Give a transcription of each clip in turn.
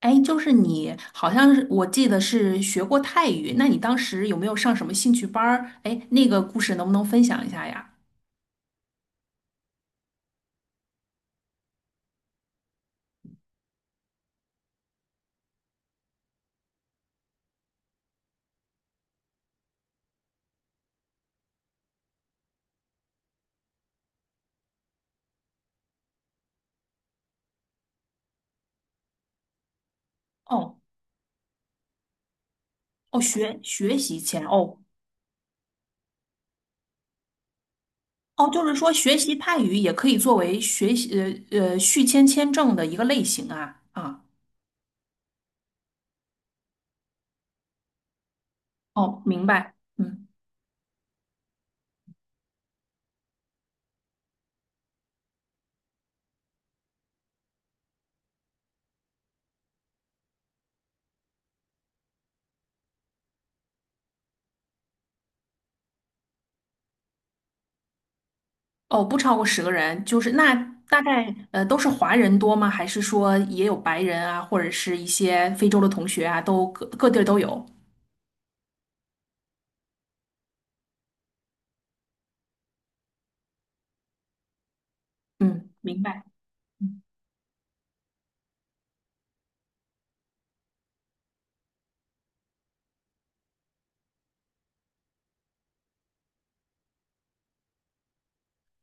哎，就是你，好像是我记得是学过泰语，那你当时有没有上什么兴趣班儿？哎，那个故事能不能分享一下呀？哦哦，学习签哦哦，就是说学习泰语也可以作为学习续签签证的一个类型啊啊。哦，明白，嗯。哦，不超过十个人，就是那大概都是华人多吗？还是说也有白人啊，或者是一些非洲的同学啊，都各地儿都有？嗯，明白。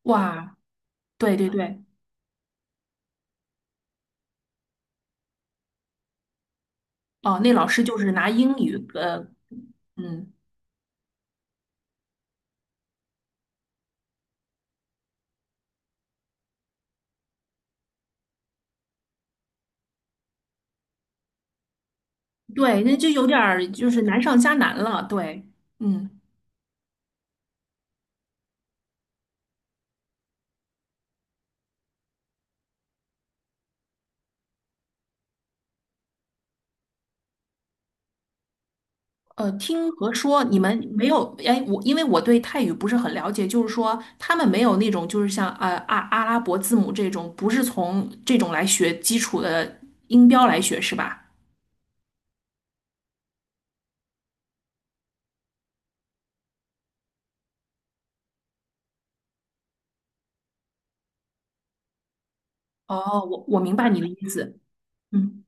哇，对对对。哦，那老师就是拿英语，嗯，对，那就有点儿就是难上加难了，对，嗯。听和说你们没有，哎，我因为我对泰语不是很了解，就是说他们没有那种就是像阿拉伯字母这种，不是从这种来学基础的音标来学是吧？哦，我明白你的意思，嗯，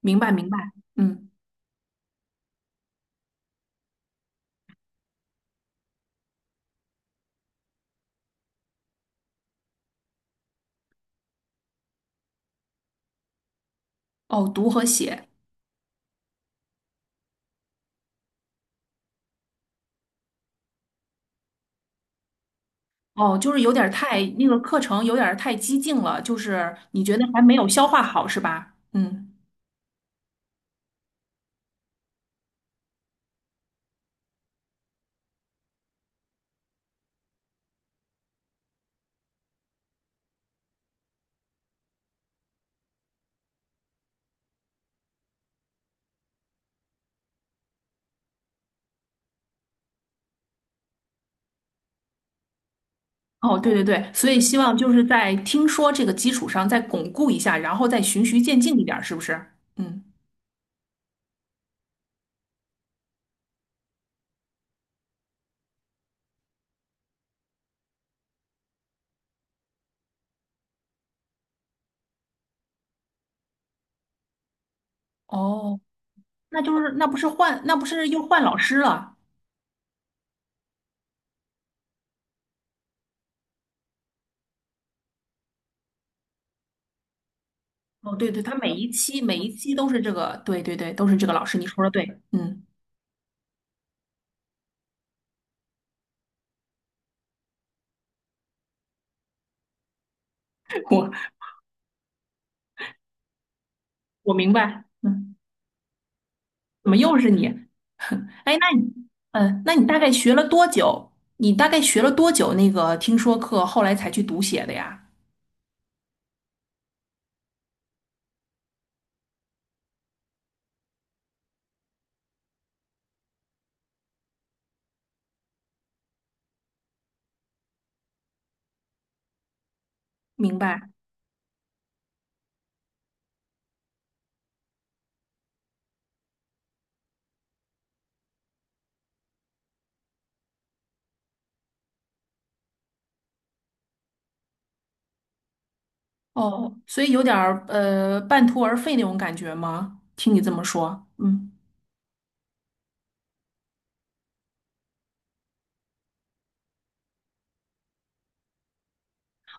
明白明白，嗯。哦，读和写。哦，就是有点儿太，那个课程有点儿太激进了，就是你觉得还没有消化好是吧？嗯。哦，对对对，所以希望就是在听说这个基础上再巩固一下，然后再循序渐进一点儿，是不是？嗯。哦，那就是那不是换，那不是又换老师了？哦，对对，他每一期每一期都是这个，对对对，都是这个老师，你说的对，嗯。我我明白。嗯。怎么又是你？哎，那你，嗯，那你大概学了多久？你大概学了多久那个听说课，后来才去读写的呀？明白。哦，所以有点儿半途而废那种感觉吗？听你这么说，嗯。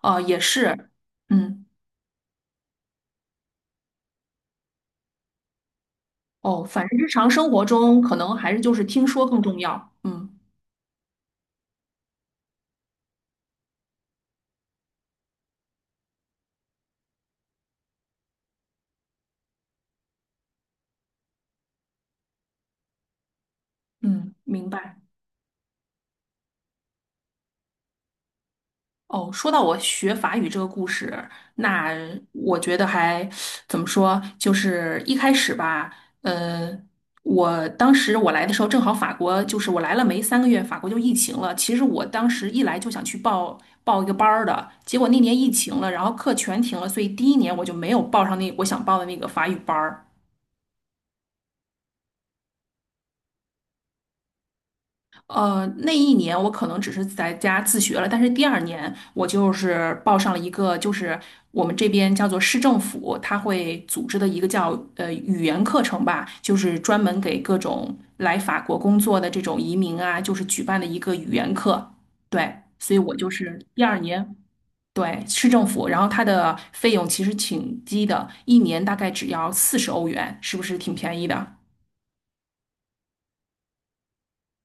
哦，也是，嗯。哦，反正日常生活中可能还是就是听说更重要，嗯嗯，明白。哦，说到我学法语这个故事，那我觉得还怎么说，就是一开始吧，呃，我当时我来的时候正好法国就是我来了没3个月，法国就疫情了。其实我当时一来就想去报一个班儿的，结果那年疫情了，然后课全停了，所以第一年我就没有报上那我想报的那个法语班儿。那一年我可能只是在家自学了，但是第二年我就是报上了一个，就是我们这边叫做市政府，它会组织的一个叫语言课程吧，就是专门给各种来法国工作的这种移民啊，就是举办的一个语言课。对，所以我就是第二年，对，市政府，然后它的费用其实挺低的，一年大概只要40欧元，是不是挺便宜的？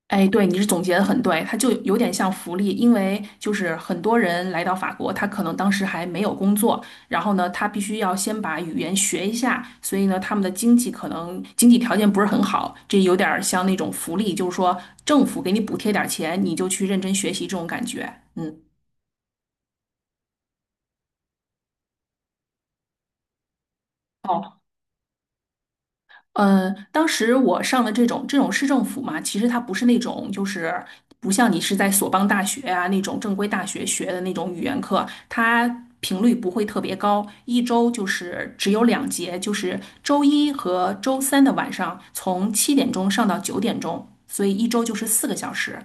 哎，对，你是总结的很对，它就有点像福利，因为就是很多人来到法国，他可能当时还没有工作，然后呢，他必须要先把语言学一下，所以呢，他们的经济可能经济条件不是很好，这有点儿像那种福利，就是说政府给你补贴点儿钱，你就去认真学习这种感觉。嗯。哦。当时我上的这种市政府嘛，其实它不是那种就是不像你是在索邦大学啊那种正规大学学的那种语言课，它频率不会特别高，一周就是只有两节，就是周一和周三的晚上从7点钟上到9点钟，所以一周就是4个小时。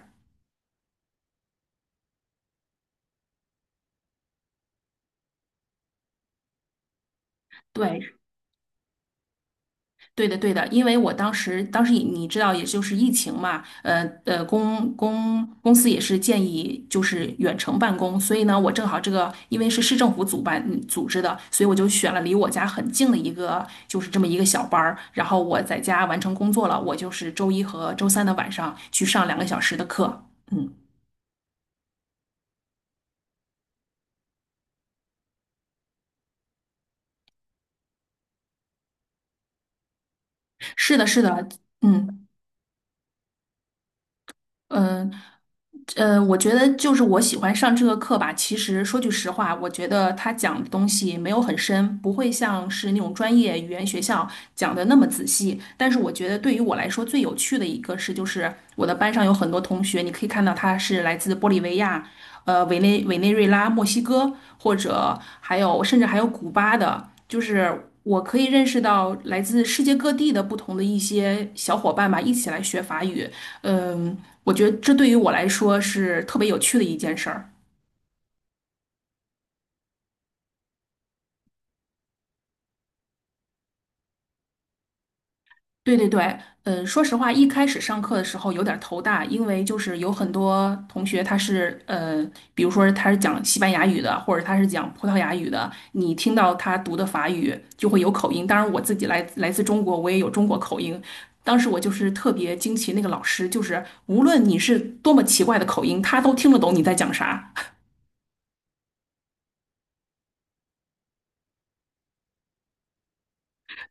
对，对的，对的，因为我当时，当时你知道，也就是疫情嘛，公司也是建议就是远程办公，所以呢，我正好这个因为是市政府主办组织的，所以我就选了离我家很近的一个，就是这么一个小班儿，然后我在家完成工作了，我就是周一和周三的晚上去上2个小时的课，嗯，是的，是的，嗯。嗯，我觉得就是我喜欢上这个课吧。其实说句实话，我觉得他讲的东西没有很深，不会像是那种专业语言学校讲的那么仔细。但是我觉得对于我来说最有趣的一个是，就是我的班上有很多同学，你可以看到他是来自玻利维亚。委内瑞拉、墨西哥，或者还有甚至还有古巴的，就是我可以认识到来自世界各地的不同的一些小伙伴吧，一起来学法语。嗯，我觉得这对于我来说是特别有趣的一件事儿。对对对，嗯，说实话，一开始上课的时候有点儿头大，因为就是有很多同学他是比如说他是讲西班牙语的，或者他是讲葡萄牙语的，你听到他读的法语就会有口音。当然，我自己来自中国，我也有中国口音。当时我就是特别惊奇，那个老师就是无论你是多么奇怪的口音，他都听得懂你在讲啥。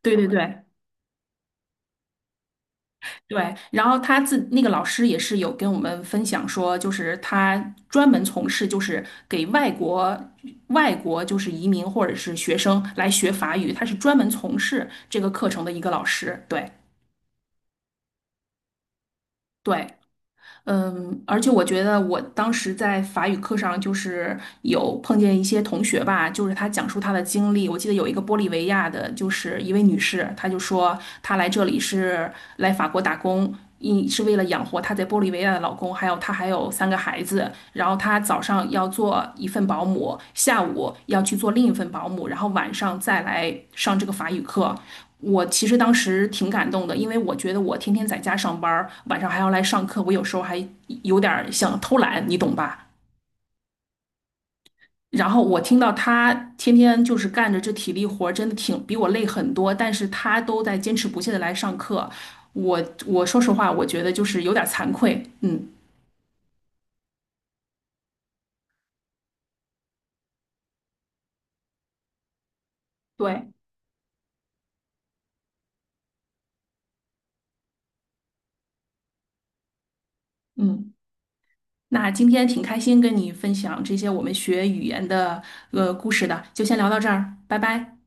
对对对，对，然后那个老师也是有跟我们分享说，就是他专门从事就是给外国就是移民或者是学生来学法语，他是专门从事这个课程的一个老师。对对，嗯，而且我觉得我当时在法语课上，就是有碰见一些同学吧，就是他讲述他的经历。我记得有一个玻利维亚的，就是一位女士，她就说她来这里是来法国打工，一是为了养活她在玻利维亚的老公，还有她还有三个孩子。然后她早上要做一份保姆，下午要去做另一份保姆，然后晚上再来上这个法语课。我其实当时挺感动的，因为我觉得我天天在家上班儿，晚上还要来上课，我有时候还有点儿想偷懒，你懂吧？然后我听到他天天就是干着这体力活儿，真的挺比我累很多，但是他都在坚持不懈的来上课，我说实话，我觉得就是有点儿惭愧，嗯，对，嗯。那今天挺开心跟你分享这些我们学语言的故事的，就先聊到这儿，拜拜。